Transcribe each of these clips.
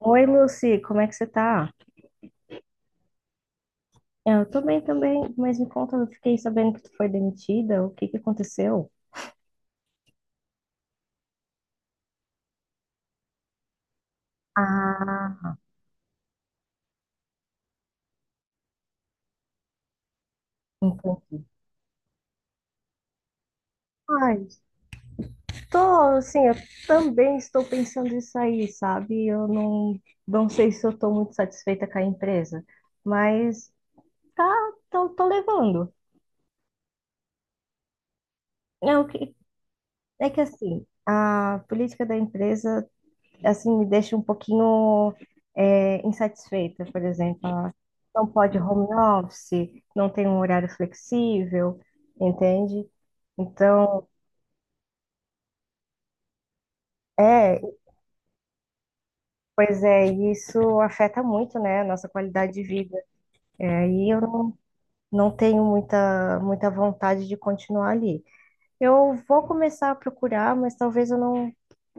Oi, Lucy, como é que você tá? Eu tô bem também, mas me conta, eu fiquei sabendo que tu foi demitida, o que que aconteceu? Ah, então. Ai, tô assim, eu também estou pensando em sair, sabe? Eu não sei se eu tô muito satisfeita com a empresa, mas tá, tô levando. É, o que, é que assim, a política da empresa assim, me deixa um pouquinho insatisfeita, por exemplo. Ah, não pode home office, não tem um horário flexível, entende? Então, é, pois é, e isso afeta muito, né, a nossa qualidade de vida. E aí eu não tenho muita, muita vontade de continuar ali. Eu vou começar a procurar, mas talvez eu não,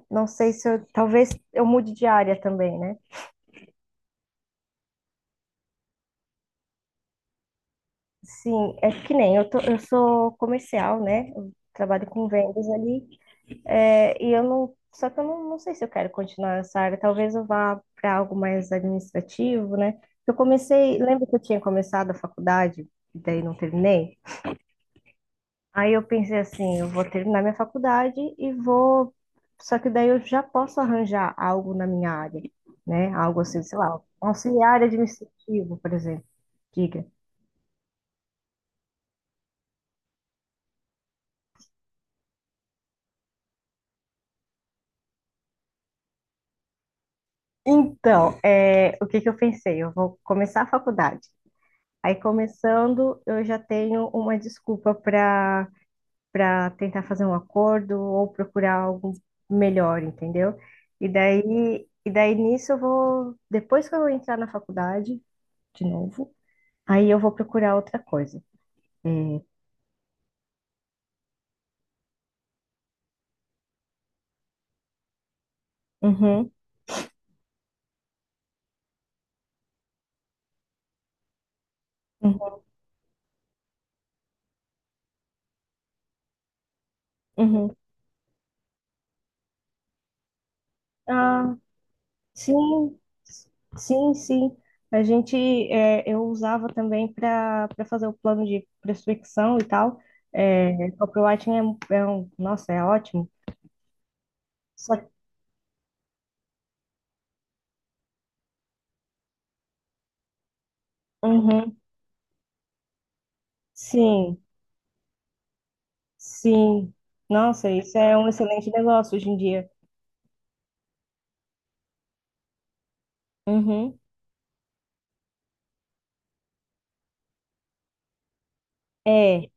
não sei se eu, talvez eu mude de área também, né? Sim, é que nem eu, eu sou comercial, né? Eu trabalho com vendas ali. É, e eu não. Só que eu não sei se eu quero continuar nessa área. Talvez eu vá para algo mais administrativo, né? Eu comecei. Lembra que eu tinha começado a faculdade e daí não terminei? Aí eu pensei assim: eu vou terminar minha faculdade e vou. Só que daí eu já posso arranjar algo na minha área, né? Algo assim, sei lá, um auxiliar administrativo, por exemplo. Então, o que que eu pensei? Eu vou começar a faculdade. Aí, começando, eu já tenho uma desculpa para tentar fazer um acordo ou procurar algo melhor, entendeu? E daí nisso eu vou, depois que eu entrar na faculdade, de novo, aí eu vou procurar outra coisa. É, uhum, uhum, uhum. Ah, sim, sim, sim. A gente, eu usava também para fazer o plano de prospecção e tal. É, copywriting é um, nossa, é ótimo. Só, uhum, sim, sim. Nossa, isso é um excelente negócio hoje em dia. Uhum, é.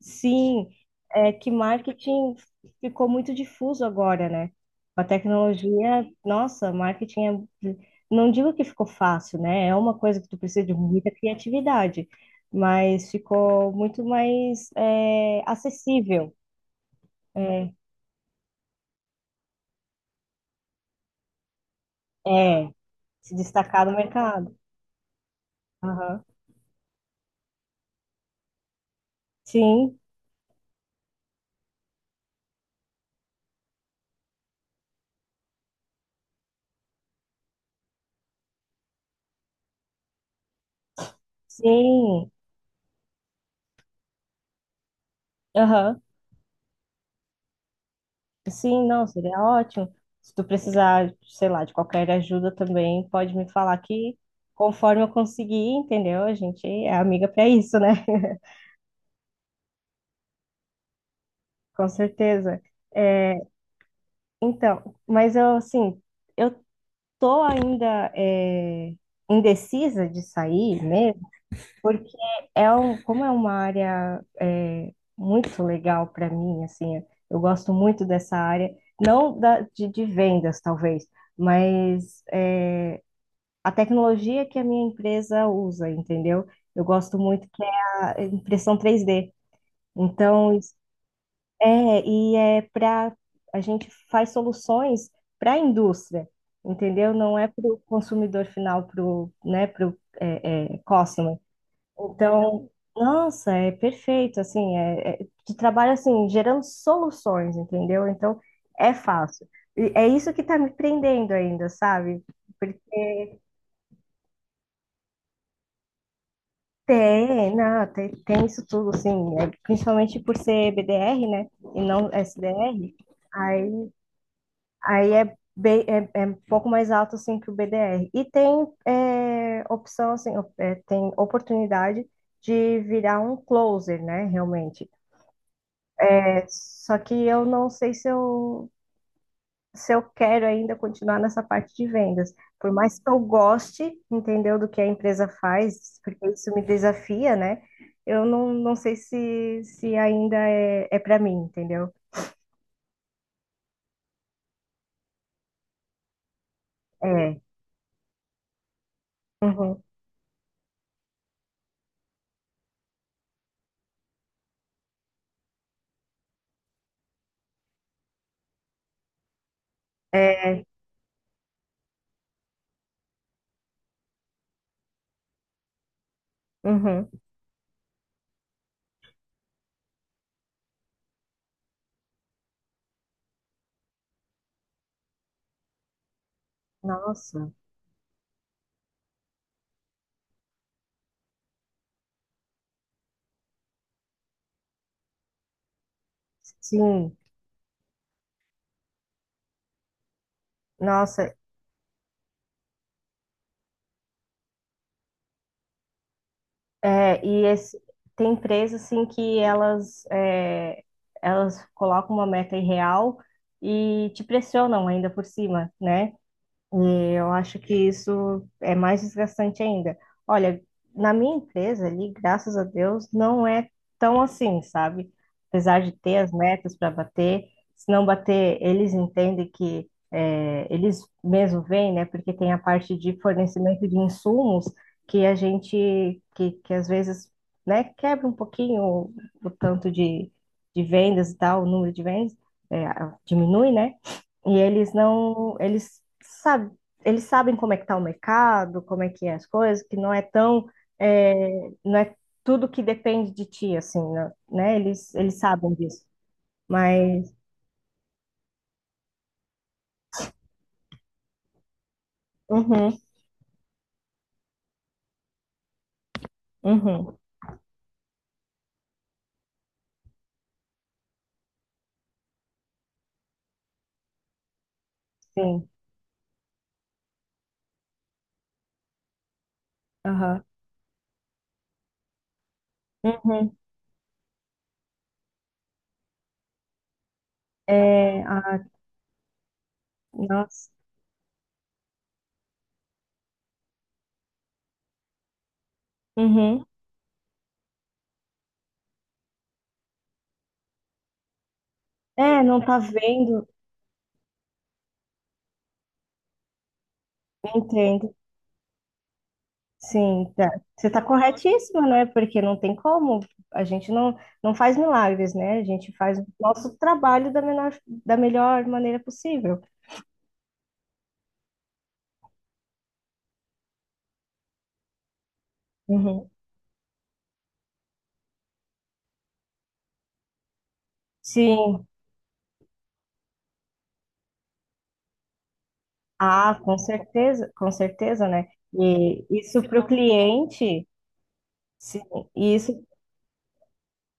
Sim, é que marketing ficou muito difuso agora, né? Com a tecnologia, nossa, marketing não digo que ficou fácil, né? É uma coisa que tu precisa de muita criatividade, mas ficou muito mais acessível, é, é, se destacar no mercado. Aham. Sim, sim, aham. Sim, não, seria ótimo. Se tu precisar, sei lá, de qualquer ajuda também, pode me falar que conforme eu conseguir, entendeu? A gente é amiga para isso, né? Com certeza. É, então, mas eu, assim, eu tô ainda indecisa de sair mesmo, porque como é uma área muito legal para mim, assim, eu gosto muito dessa área, não de vendas, talvez, mas a tecnologia que a minha empresa usa, entendeu? Eu gosto muito que é a impressão 3D. Então, e é para a gente faz soluções para a indústria, entendeu? Não é para o consumidor final, para o, né, para o customer. Então, nossa, é perfeito, assim, tu trabalha assim, gerando soluções, entendeu? Então, é fácil. E é isso que está me prendendo ainda, sabe? Tem, não, tem isso tudo, assim, principalmente por ser BDR, né, e não SDR, aí, aí bem, é um pouco mais alto, assim, que o BDR. E tem opção, assim, tem oportunidade de virar um closer, né, realmente. É, só que eu não sei se eu quero ainda continuar nessa parte de vendas. Por mais que eu goste, entendeu, do que a empresa faz, porque isso me desafia, né? Eu não sei se ainda é para mim, entendeu? É, uhum, é, uhum. Nossa, sim, nossa, é, e esse, tem empresas, assim, que elas colocam uma meta irreal e te pressionam ainda por cima, né? Eu acho que isso é mais desgastante ainda. Olha, na minha empresa ali, graças a Deus, não é tão assim, sabe? Apesar de ter as metas para bater, se não bater, eles entendem que eles mesmo vêm, né? Porque tem a parte de fornecimento de insumos que que às vezes, né, quebra um pouquinho o tanto de vendas e tal, o número de vendas, é, diminui, né? E eles não, eles sabem como é que está o mercado, como é que é as coisas, que não é tão, é, não é tudo que depende de ti, assim, né? Eles sabem disso. Mas, uhum, uhum, sim, aham, uhum, é, ah, nossa, uhum. É, não tá vendo, entendo, sim, tá. Você tá corretíssima, né? Porque não tem como, a gente não faz milagres, né? A gente faz o nosso trabalho da menor, da melhor maneira possível. Uhum. Sim, ah, com certeza, né? E isso para o cliente, sim, e isso,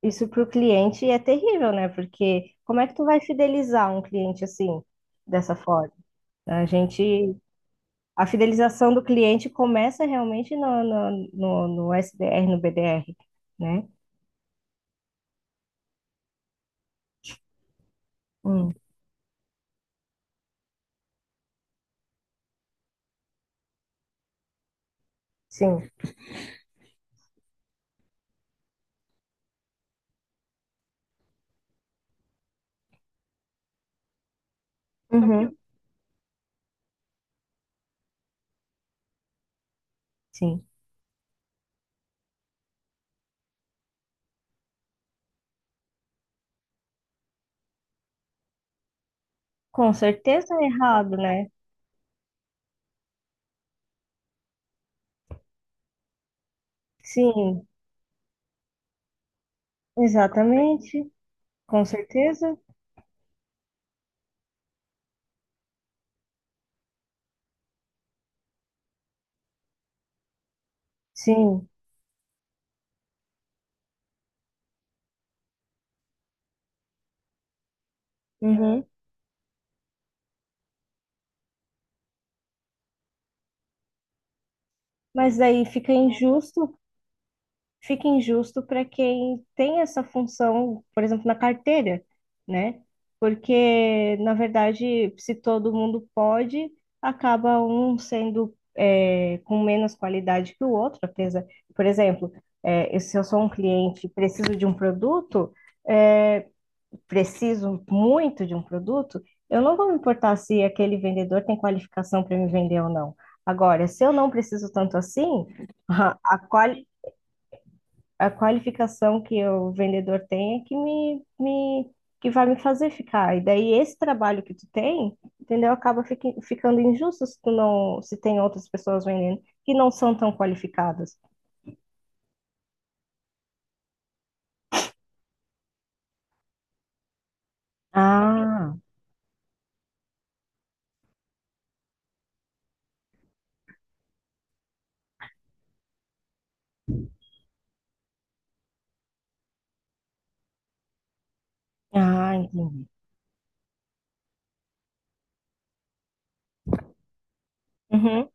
isso para o cliente é terrível, né? Porque como é que tu vai fidelizar um cliente assim, dessa forma? A gente, a fidelização do cliente começa realmente no SDR, no BDR, né? Hum, sim, uhum, sim. Com certeza é errado, né? Sim, exatamente, com certeza, sim. Uhum. Mas aí fica injusto para quem tem essa função, por exemplo, na carteira, né? Porque, na verdade, se todo mundo pode, acaba um sendo com menos qualidade que o outro, apesar, por exemplo, se eu sou um cliente e preciso de um produto, é, preciso muito de um produto, eu não vou me importar se aquele vendedor tem qualificação para me vender ou não. Agora, se eu não preciso tanto assim, a, quali- a qualificação que o vendedor tem é que que vai me fazer ficar. E daí esse trabalho que tu tem, entendeu? Acaba ficando injusto se tu não, se tem outras pessoas vendendo que não são tão qualificadas. Ah, ah, entendi. Uhum.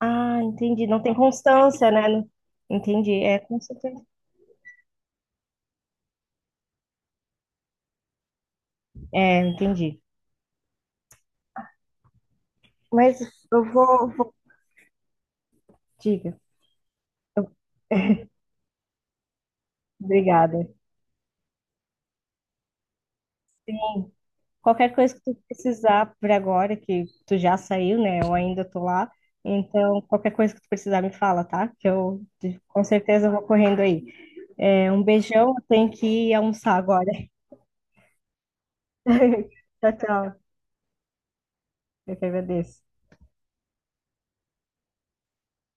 Ah, entendi. Não tem constância, né? Entendi. É, com certeza. É, entendi. Mas eu vou, diga. Eu- Obrigada. Qualquer coisa que tu precisar por agora, que tu já saiu, né? Eu ainda tô lá. Então, qualquer coisa que tu precisar, me fala, tá? Que eu com certeza vou correndo aí. É, um beijão, eu tenho que ir almoçar agora. Tchau, tchau. Eu que agradeço.